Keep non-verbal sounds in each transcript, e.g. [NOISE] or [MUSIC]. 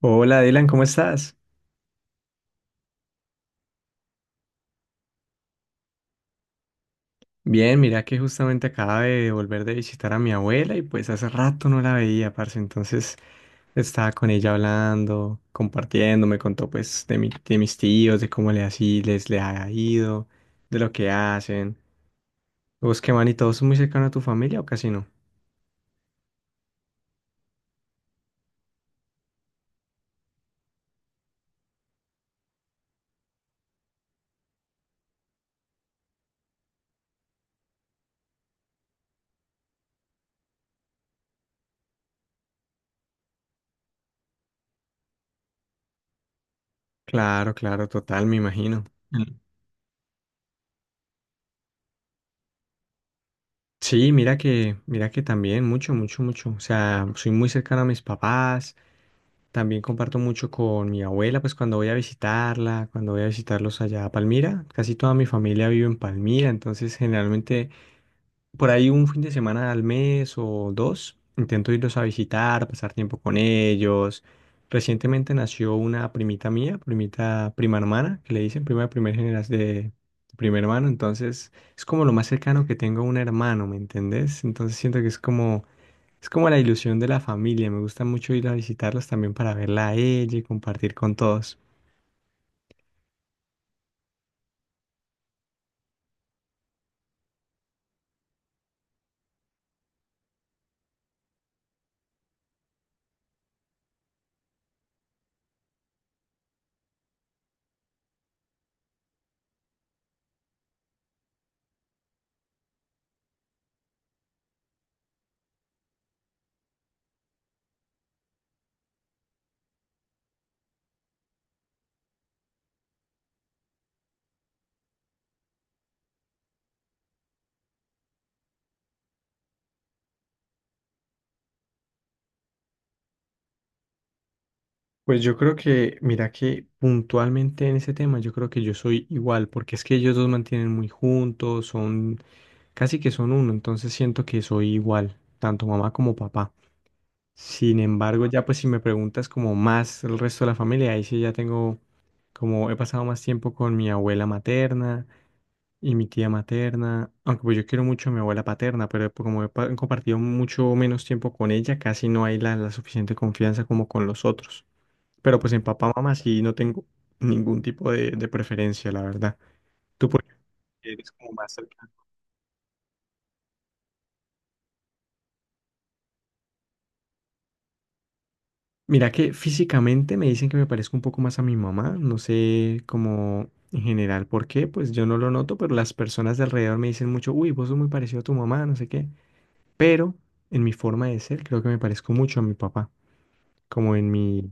Hola Dylan, ¿cómo estás? Bien, mira que justamente acaba de volver de visitar a mi abuela y pues hace rato no la veía, parce. Entonces estaba con ella hablando, compartiendo, me contó pues de mis tíos, de cómo le así les le ha ido, de lo que hacen. ¿Vos qué man y todos son muy cercanos a tu familia o casi no? Claro, claro, total, me imagino. Mm. Sí, mira que también, mucho, mucho, mucho. O sea, soy muy cercano a mis papás. También comparto mucho con mi abuela, pues cuando voy a visitarla, cuando voy a visitarlos allá a Palmira, casi toda mi familia vive en Palmira, entonces generalmente por ahí un fin de semana al mes o dos, intento irlos a visitar, pasar tiempo con ellos. Recientemente nació una primita mía, primita prima hermana, que le dicen prima de primer generación de primer hermano, entonces es como lo más cercano que tengo a un hermano, ¿me entendés? Entonces siento que es como la ilusión de la familia. Me gusta mucho ir a visitarlos también para verla a ella y compartir con todos. Pues yo creo que, mira que puntualmente en ese tema, yo creo que yo soy igual, porque es que ellos dos mantienen muy juntos, son casi que son uno, entonces siento que soy igual, tanto mamá como papá. Sin embargo, ya pues si me preguntas como más el resto de la familia, ahí sí ya tengo como he pasado más tiempo con mi abuela materna y mi tía materna, aunque pues yo quiero mucho a mi abuela paterna, pero como he compartido mucho menos tiempo con ella, casi no hay la suficiente confianza como con los otros. Pero pues en papá, mamá sí no tengo ningún tipo de preferencia, la verdad. ¿Tú por qué eres como más cercano? Mira que físicamente me dicen que me parezco un poco más a mi mamá, no sé cómo en general por qué, pues yo no lo noto, pero las personas de alrededor me dicen mucho, uy, vos sos muy parecido a tu mamá, no sé qué, pero en mi forma de ser creo que me parezco mucho a mi papá, como en mi...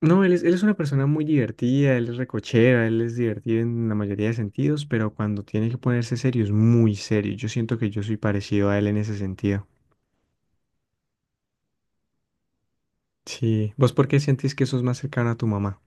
No, él es una persona muy divertida, él es recochera, él es divertido en la mayoría de sentidos, pero cuando tiene que ponerse serio es muy serio, yo siento que yo soy parecido a él en ese sentido. Sí, ¿vos por qué sientes que sos más cercano a tu mamá?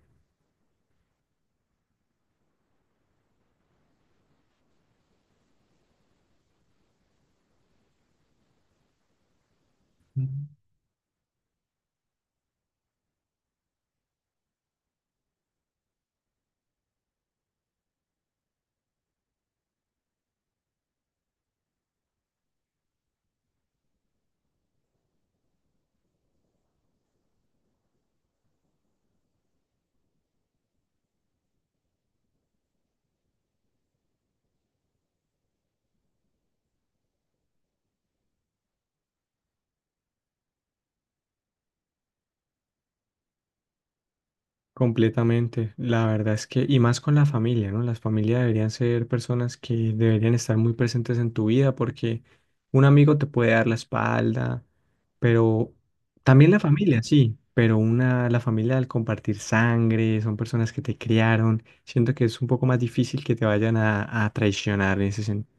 Completamente, la verdad es que, y más con la familia, ¿no? Las familias deberían ser personas que deberían estar muy presentes en tu vida porque un amigo te puede dar la espalda, pero también la familia, sí, pero una, la familia al compartir sangre, son personas que te criaron, siento que es un poco más difícil que te vayan a traicionar en ese sentido.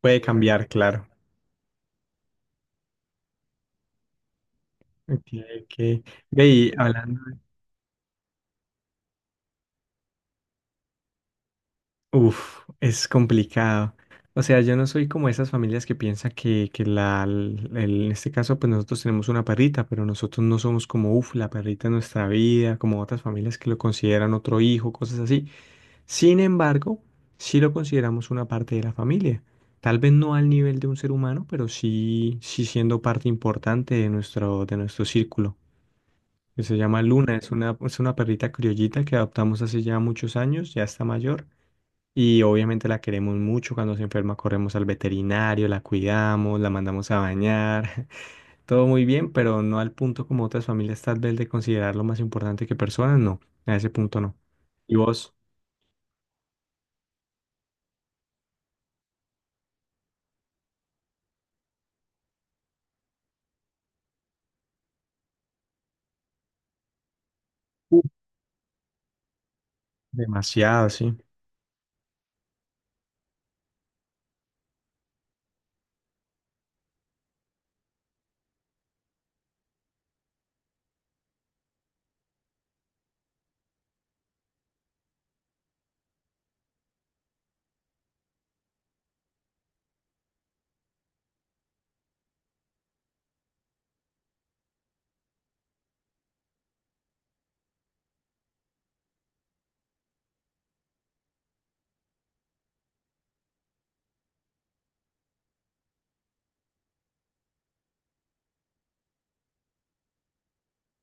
Puede cambiar, claro. Ok, ok. Ve, y hablando. Uf, es complicado. O sea, yo no soy como esas familias que piensan que en este caso, pues nosotros tenemos una perrita, pero nosotros no somos como, uf, la perrita en nuestra vida, como otras familias que lo consideran otro hijo, cosas así. Sin embargo, sí lo consideramos una parte de la familia. Tal vez no al nivel de un ser humano, pero sí, sí siendo parte importante de nuestro círculo que se llama Luna, es una perrita criollita que adoptamos hace ya muchos años, ya está mayor. Y obviamente la queremos mucho. Cuando se enferma, corremos al veterinario, la cuidamos, la mandamos a bañar. [LAUGHS] Todo muy bien, pero no al punto como otras familias tal vez de considerarlo más importante que personas, no. A ese punto no. ¿Y vos? Uf, demasiado, sí.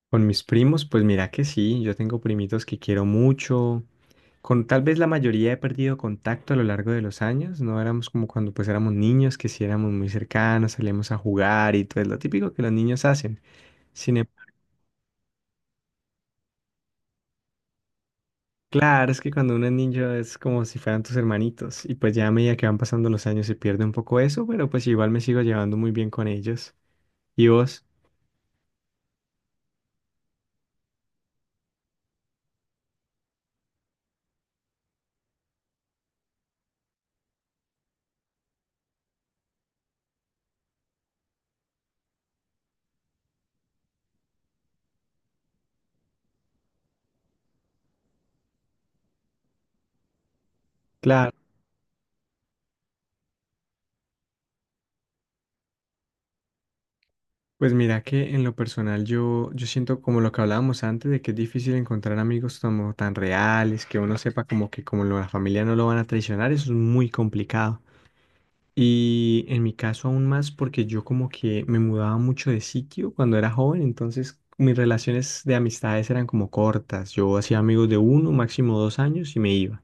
Con mis primos, pues mira que sí, yo tengo primitos que quiero mucho. Con tal vez la mayoría he perdido contacto a lo largo de los años, no éramos como cuando pues éramos niños, que sí éramos muy cercanos, salíamos a jugar y todo es lo típico que los niños hacen. Sin em- Claro, es que cuando uno es niño es como si fueran tus hermanitos y pues ya a medida que van pasando los años se pierde un poco eso, pero pues igual me sigo llevando muy bien con ellos. ¿Y vos? Claro. Pues mira que en lo personal yo siento como lo que hablábamos antes de que es difícil encontrar amigos como tan reales, que uno sepa como que como la familia no lo van a traicionar, eso es muy complicado. Y en mi caso aún más porque yo como que me mudaba mucho de sitio cuando era joven, entonces mis relaciones de amistades eran como cortas. Yo hacía amigos de uno, máximo 2 años y me iba.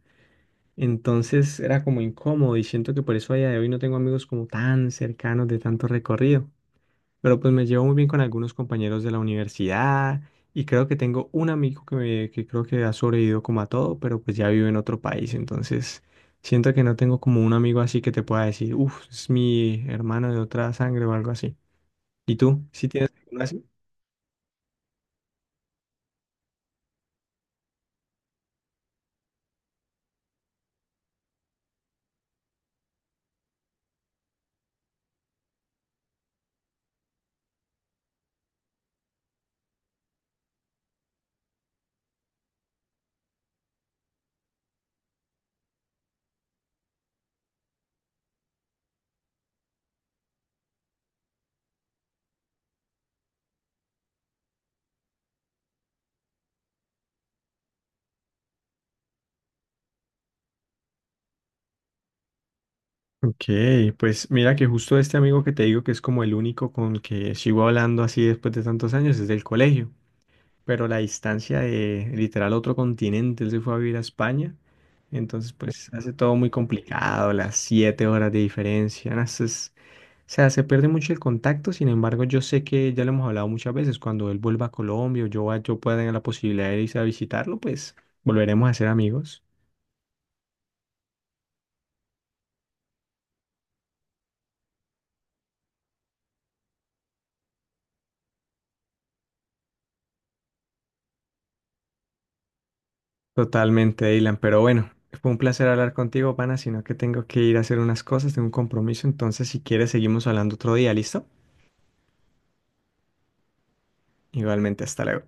Entonces era como incómodo y siento que por eso a día de hoy no tengo amigos como tan cercanos de tanto recorrido. Pero pues me llevo muy bien con algunos compañeros de la universidad y creo que tengo un amigo que creo que ha sobrevivido como a todo, pero pues ya vive en otro país, entonces siento que no tengo como un amigo así que te pueda decir, uff, es mi hermano de otra sangre o algo así. ¿Y tú? ¿Sí tienes alguno así? Ok, pues mira que justo este amigo que te digo que es como el único con el que sigo hablando así después de tantos años es del colegio, pero la distancia de literal otro continente, él se fue a vivir a España, entonces pues hace todo muy complicado, las 7 horas de diferencia, no, o sea, se pierde mucho el contacto, sin embargo yo sé que ya lo hemos hablado muchas veces, cuando él vuelva a Colombia o yo pueda tener la posibilidad de irse a visitarlo, pues volveremos a ser amigos. Totalmente, Dylan, pero bueno, fue un placer hablar contigo, pana, sino que tengo que ir a hacer unas cosas, tengo un compromiso, entonces si quieres seguimos hablando otro día, ¿listo? Igualmente, hasta luego.